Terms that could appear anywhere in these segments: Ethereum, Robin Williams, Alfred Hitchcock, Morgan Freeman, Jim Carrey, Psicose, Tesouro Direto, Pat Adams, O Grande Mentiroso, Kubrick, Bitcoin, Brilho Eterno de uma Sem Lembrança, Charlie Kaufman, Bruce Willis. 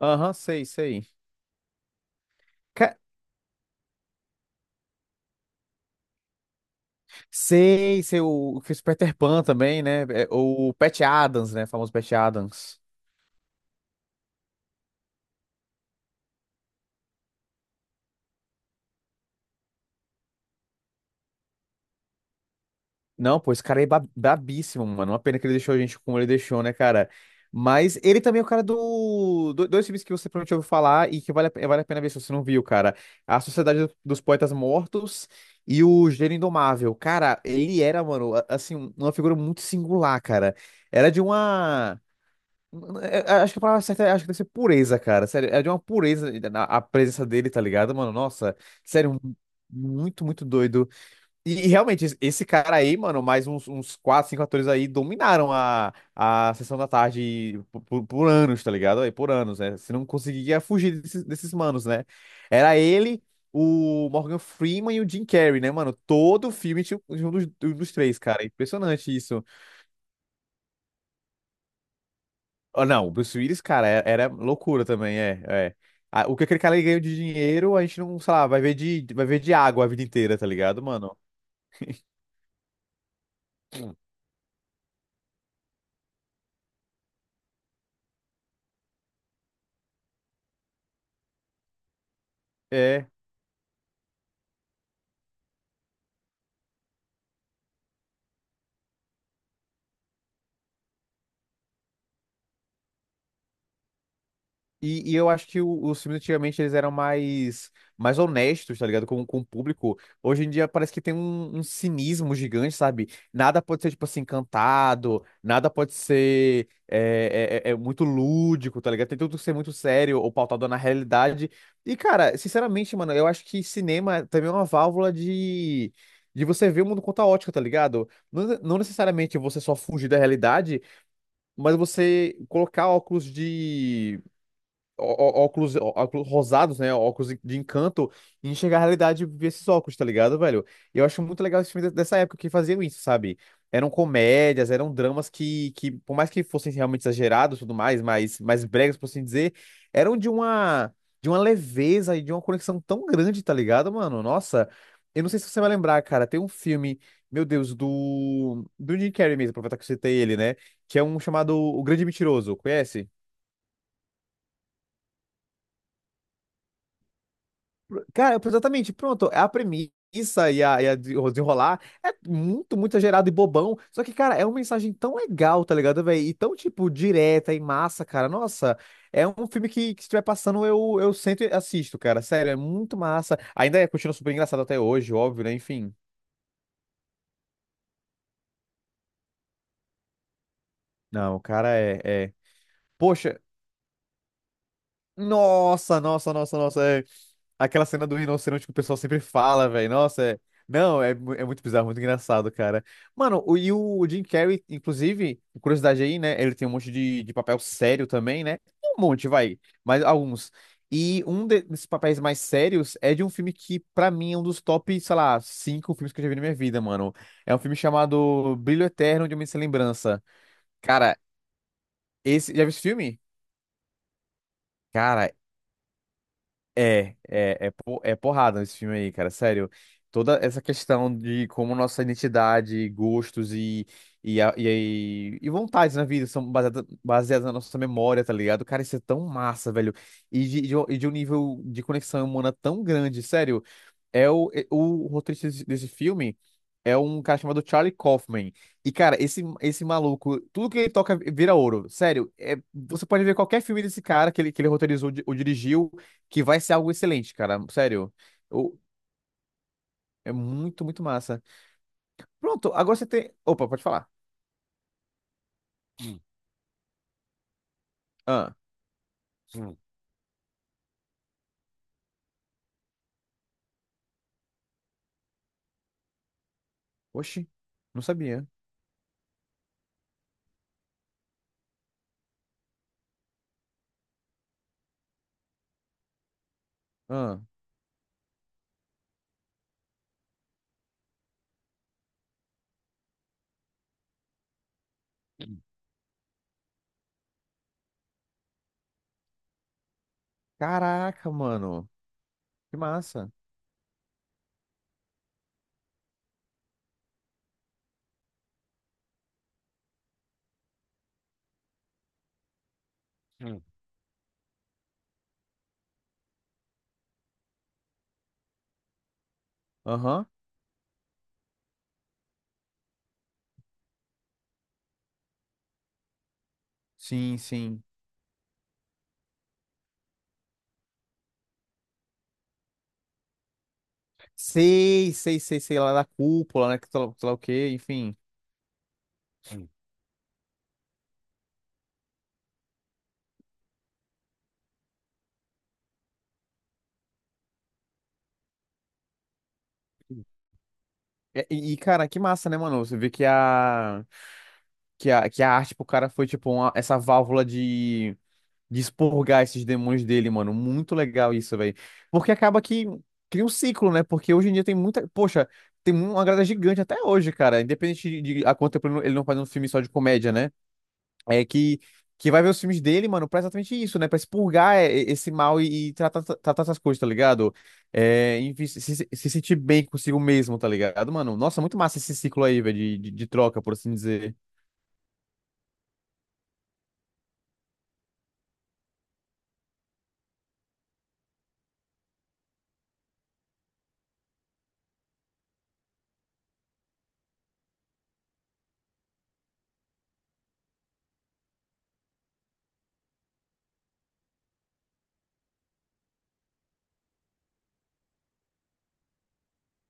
Aham, sei, sei. Ca- Sei, sei, o que fez Peter Pan também, né? É, o Pat Adams, né? O famoso Pat Adams. Não, pô, esse cara é brabíssimo, mano. Uma pena que ele deixou a gente como ele deixou, né, cara? Mas ele também é o cara. Dois filmes que você provavelmente ouviu falar e que vale a pena ver se você não viu, cara. A Sociedade dos Poetas Mortos e o Gênio Indomável. Cara, ele era, mano, assim, uma figura muito singular, cara. Era de uma... É, é, acho que a palavra certa é, acho que deve ser pureza, cara. Sério, é de uma pureza a presença dele, tá ligado, mano? Nossa, sério, muito, muito doido. E realmente, esse cara aí, mano, mais uns 4, 5 atores aí dominaram a sessão da tarde por anos, tá ligado? Aí, por anos, né? Você não conseguia fugir desses manos, né? Era ele, o Morgan Freeman e o Jim Carrey, né, mano? Todo filme tinha um dos três, cara. Impressionante isso. Ah, não, o Bruce Willis, cara, era loucura também, é, é. Ah, o que aquele cara ganhou de dinheiro, a gente não, sei lá, vai ver de água a vida inteira, tá ligado, mano? É. E eu acho que os filmes antigamente eles eram mais, mais honestos, tá ligado? Com o público. Hoje em dia parece que tem um cinismo gigante, sabe? Nada pode ser, tipo assim, cantado, nada pode ser muito lúdico, tá ligado? Tem tudo que ser muito sério ou pautado na realidade. E, cara, sinceramente, mano, eu acho que cinema também é uma válvula de. De você ver o mundo com outra ótica tá ligado? Não, não necessariamente você só fugir da realidade, mas você colocar óculos de ó- ó- óculos rosados, né? Óculos de encanto e enxergar a realidade e ver esses óculos, tá ligado, velho? E eu acho muito legal esse filme dessa época que faziam isso, sabe? Eram comédias, eram dramas que por mais que fossem realmente exagerados e tudo mais, bregas, por assim dizer, eram de uma leveza e de uma conexão tão grande, tá ligado, mano? Nossa, eu não sei se você vai lembrar, cara, tem um filme, meu Deus, do Jim Carrey mesmo, aproveitar que eu citei ele, né? Que é um chamado O Grande Mentiroso, conhece? Cara, exatamente, pronto. É a premissa o desenrolar é muito, muito exagerado e bobão. Só que, cara, é uma mensagem tão legal, tá ligado, velho? E tão, tipo, direta e massa, cara. Nossa, é um filme que se estiver passando, eu sento e assisto, cara. Sério, é muito massa. Ainda é, continua super engraçado até hoje, óbvio, né? Enfim. Não, o cara é... Poxa, nossa, nossa, nossa, nossa. Aquela cena do rinoceronte que o pessoal sempre fala, velho. Nossa, é... Não, é muito bizarro, muito engraçado, cara. Mano, e o Jim Carrey, inclusive, curiosidade aí, né? Ele tem um monte de papel sério também, né? Um monte, vai, mas alguns. E um desses papéis mais sérios é de um filme que, pra mim, é um dos top, sei lá, cinco filmes que eu já vi na minha vida, mano. É um filme chamado Brilho Eterno de uma Sem Lembrança. Cara, esse. Já viu esse filme? Cara, é porrada esse filme aí, cara, sério. Toda essa questão de como nossa identidade, gostos e, a- e, e vontades na vida são baseadas na nossa memória, tá ligado? Cara, isso é tão massa, velho. E de um nível de conexão humana tão grande, sério. O roteirista desse filme é um cara chamado Charlie Kaufman. E, cara, esse maluco, tudo que ele toca vira ouro. Sério, você pode ver qualquer filme desse cara que ele roteirizou ou dirigiu, que vai ser algo excelente, cara. Sério. O- É muito, muito massa. Pronto, agora você tem. Opa, pode falar. Hum, Ah, hum, oxi, não sabia. Ah, hum, caraca, mano. Que massa. Hum. Aham. Sim, sim. Sei, sei, sei, sei lá da cúpula, né? Que sei lá o quê, enfim. É, e, cara, que massa, né, mano? Você vê que a arte pro cara foi, tipo, essa válvula de, expurgar esses demônios dele, mano. Muito legal isso, velho. Porque acaba que cria um ciclo, né? Porque hoje em dia tem muita. Poxa, tem uma grada gigante até hoje, cara. Independente de a quanto tempo ele não faz um filme só de comédia, né? É que vai ver os filmes dele, mano, pra exatamente isso, né? Pra expurgar esse mal e tratar essas coisas, tá ligado? É, enfim, se sentir bem consigo mesmo, tá ligado, mano? Nossa, muito massa esse ciclo aí, velho, de troca, por assim dizer.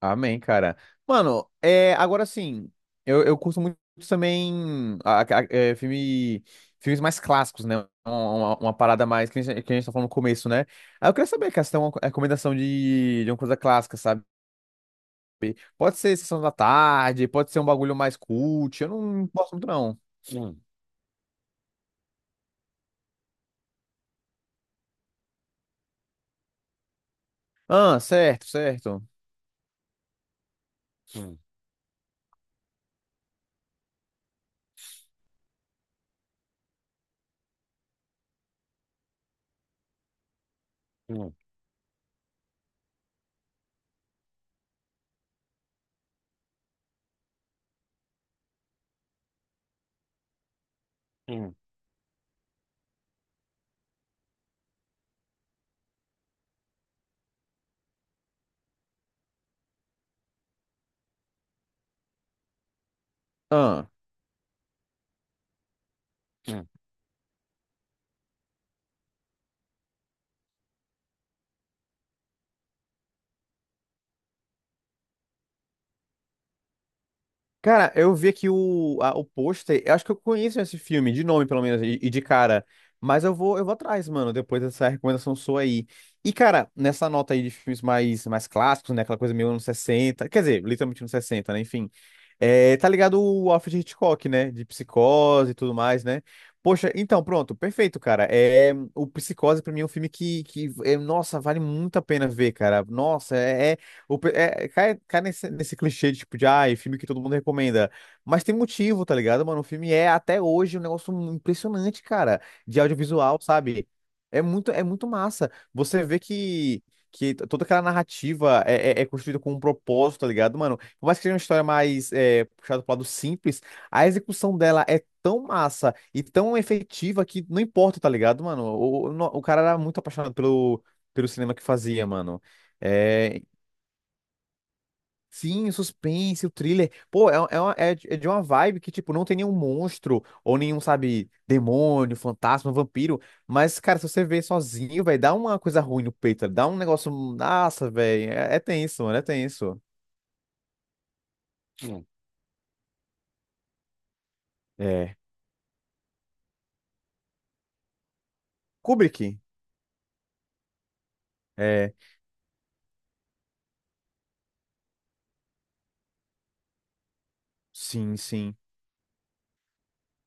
Amém, cara. Mano, agora sim, eu curto muito também filmes mais clássicos, né? Uma parada mais que a gente tá falando no começo, né? Aí eu queria saber, cara, se tem uma recomendação de uma coisa clássica, sabe? Pode ser Sessão da Tarde, pode ser um bagulho mais cult, eu não gosto muito não. Hum, ah, certo, certo. Hum, hum, hum, ah. Cara, eu vi aqui o pôster. Eu acho que eu conheço esse filme, de nome pelo menos, e de cara. Mas eu vou atrás, mano, depois dessa recomendação sua aí. E, cara, nessa nota aí de filmes mais, mais clássicos, né? Aquela coisa meio anos 60, quer dizer, literalmente anos 60, né? Enfim. É, tá ligado o Alfred Hitchcock, né? De Psicose e tudo mais, né? Poxa, então, pronto, perfeito, cara. É, o Psicose, pra mim, é um filme que é, nossa, vale muito a pena ver, cara. Nossa, é, é o, pe- é, é, cai, cai nesse clichê de, tipo, de, ai, filme que todo mundo recomenda. Mas tem motivo, tá ligado, mano? O filme é, até hoje, um negócio impressionante, cara, de audiovisual, sabe? É muito massa. Você vê que, toda aquela narrativa é construída com um propósito, tá ligado, mano? Por mais que seja uma história mais puxada pro lado simples, a execução dela é tão massa e tão efetiva que não importa, tá ligado, mano? O cara era muito apaixonado pelo cinema que fazia, mano. É, sim, o suspense, o thriller. Pô, é de uma vibe que, tipo, não tem nenhum monstro, ou nenhum, sabe, demônio, fantasma, vampiro. Mas, cara, se você vê sozinho, vai dar uma coisa ruim no peito, tá? Dá um negócio. Nossa, velho. É, é tenso, mano, é tenso. Hum. É. Kubrick. É. Sim, sim.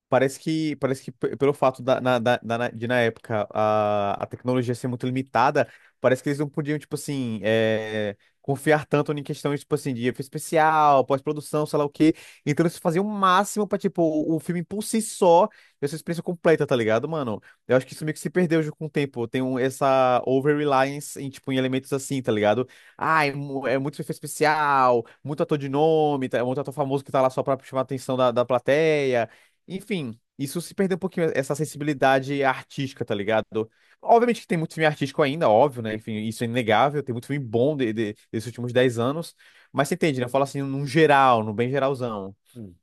Pelo fato da, na, da- da- na- de na época a tecnologia ser muito limitada, parece que eles não podiam, tipo assim, confiar tanto em questões, tipo assim, de efeito especial, pós-produção, sei lá o quê. Então eles faziam o máximo pra, tipo, o filme por si só, essa experiência completa, tá ligado, mano? Eu acho que isso meio que se perdeu já com o tempo. Tem essa over-reliance em, tipo, em elementos assim, tá ligado? Ah, é muito efeito especial, muito ator de nome, muito ator famoso que tá lá só pra chamar a atenção da plateia. Enfim, isso se perdeu um pouquinho, essa sensibilidade artística, tá ligado? Obviamente que tem muito filme artístico ainda, óbvio, né? Enfim, isso é inegável, tem muito filme bom desses últimos 10 anos, mas você entende, né? Eu falo assim, num geral, no bem geralzão. Hum.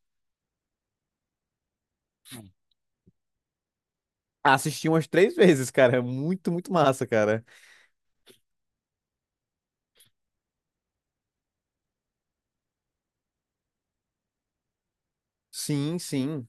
Assisti umas três vezes, cara, é muito, muito massa, cara. Sim, sim.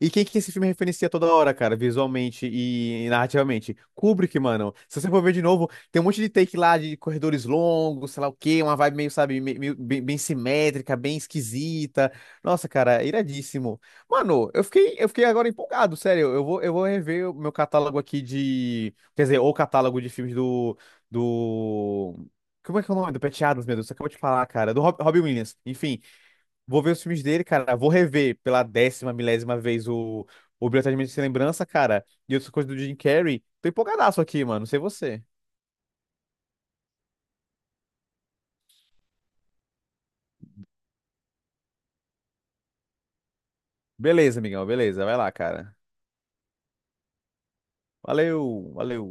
E quem que esse filme referencia toda hora, cara, visualmente e narrativamente? Kubrick, mano. Se você for ver de novo, tem um monte de take lá de corredores longos, sei lá o quê, uma vibe meio, sabe, meio, bem, bem simétrica, bem esquisita. Nossa, cara, iradíssimo. Mano, eu fiquei agora empolgado, sério. Eu vou rever o meu catálogo aqui de. Quer dizer, o catálogo de filmes do. Do. Como é que é o nome? Do Pat Adams, meu Deus, você acabou de falar, cara. Do Robin Williams. Enfim. Vou ver os filmes dele, cara. Vou rever pela décima, milésima vez o Brilhantemente Sem Lembrança, cara. E outras coisas do Jim Carrey. Tô empolgadaço aqui, mano. Não sei você. Beleza, amigão. Beleza. Vai lá, cara. Valeu, valeu.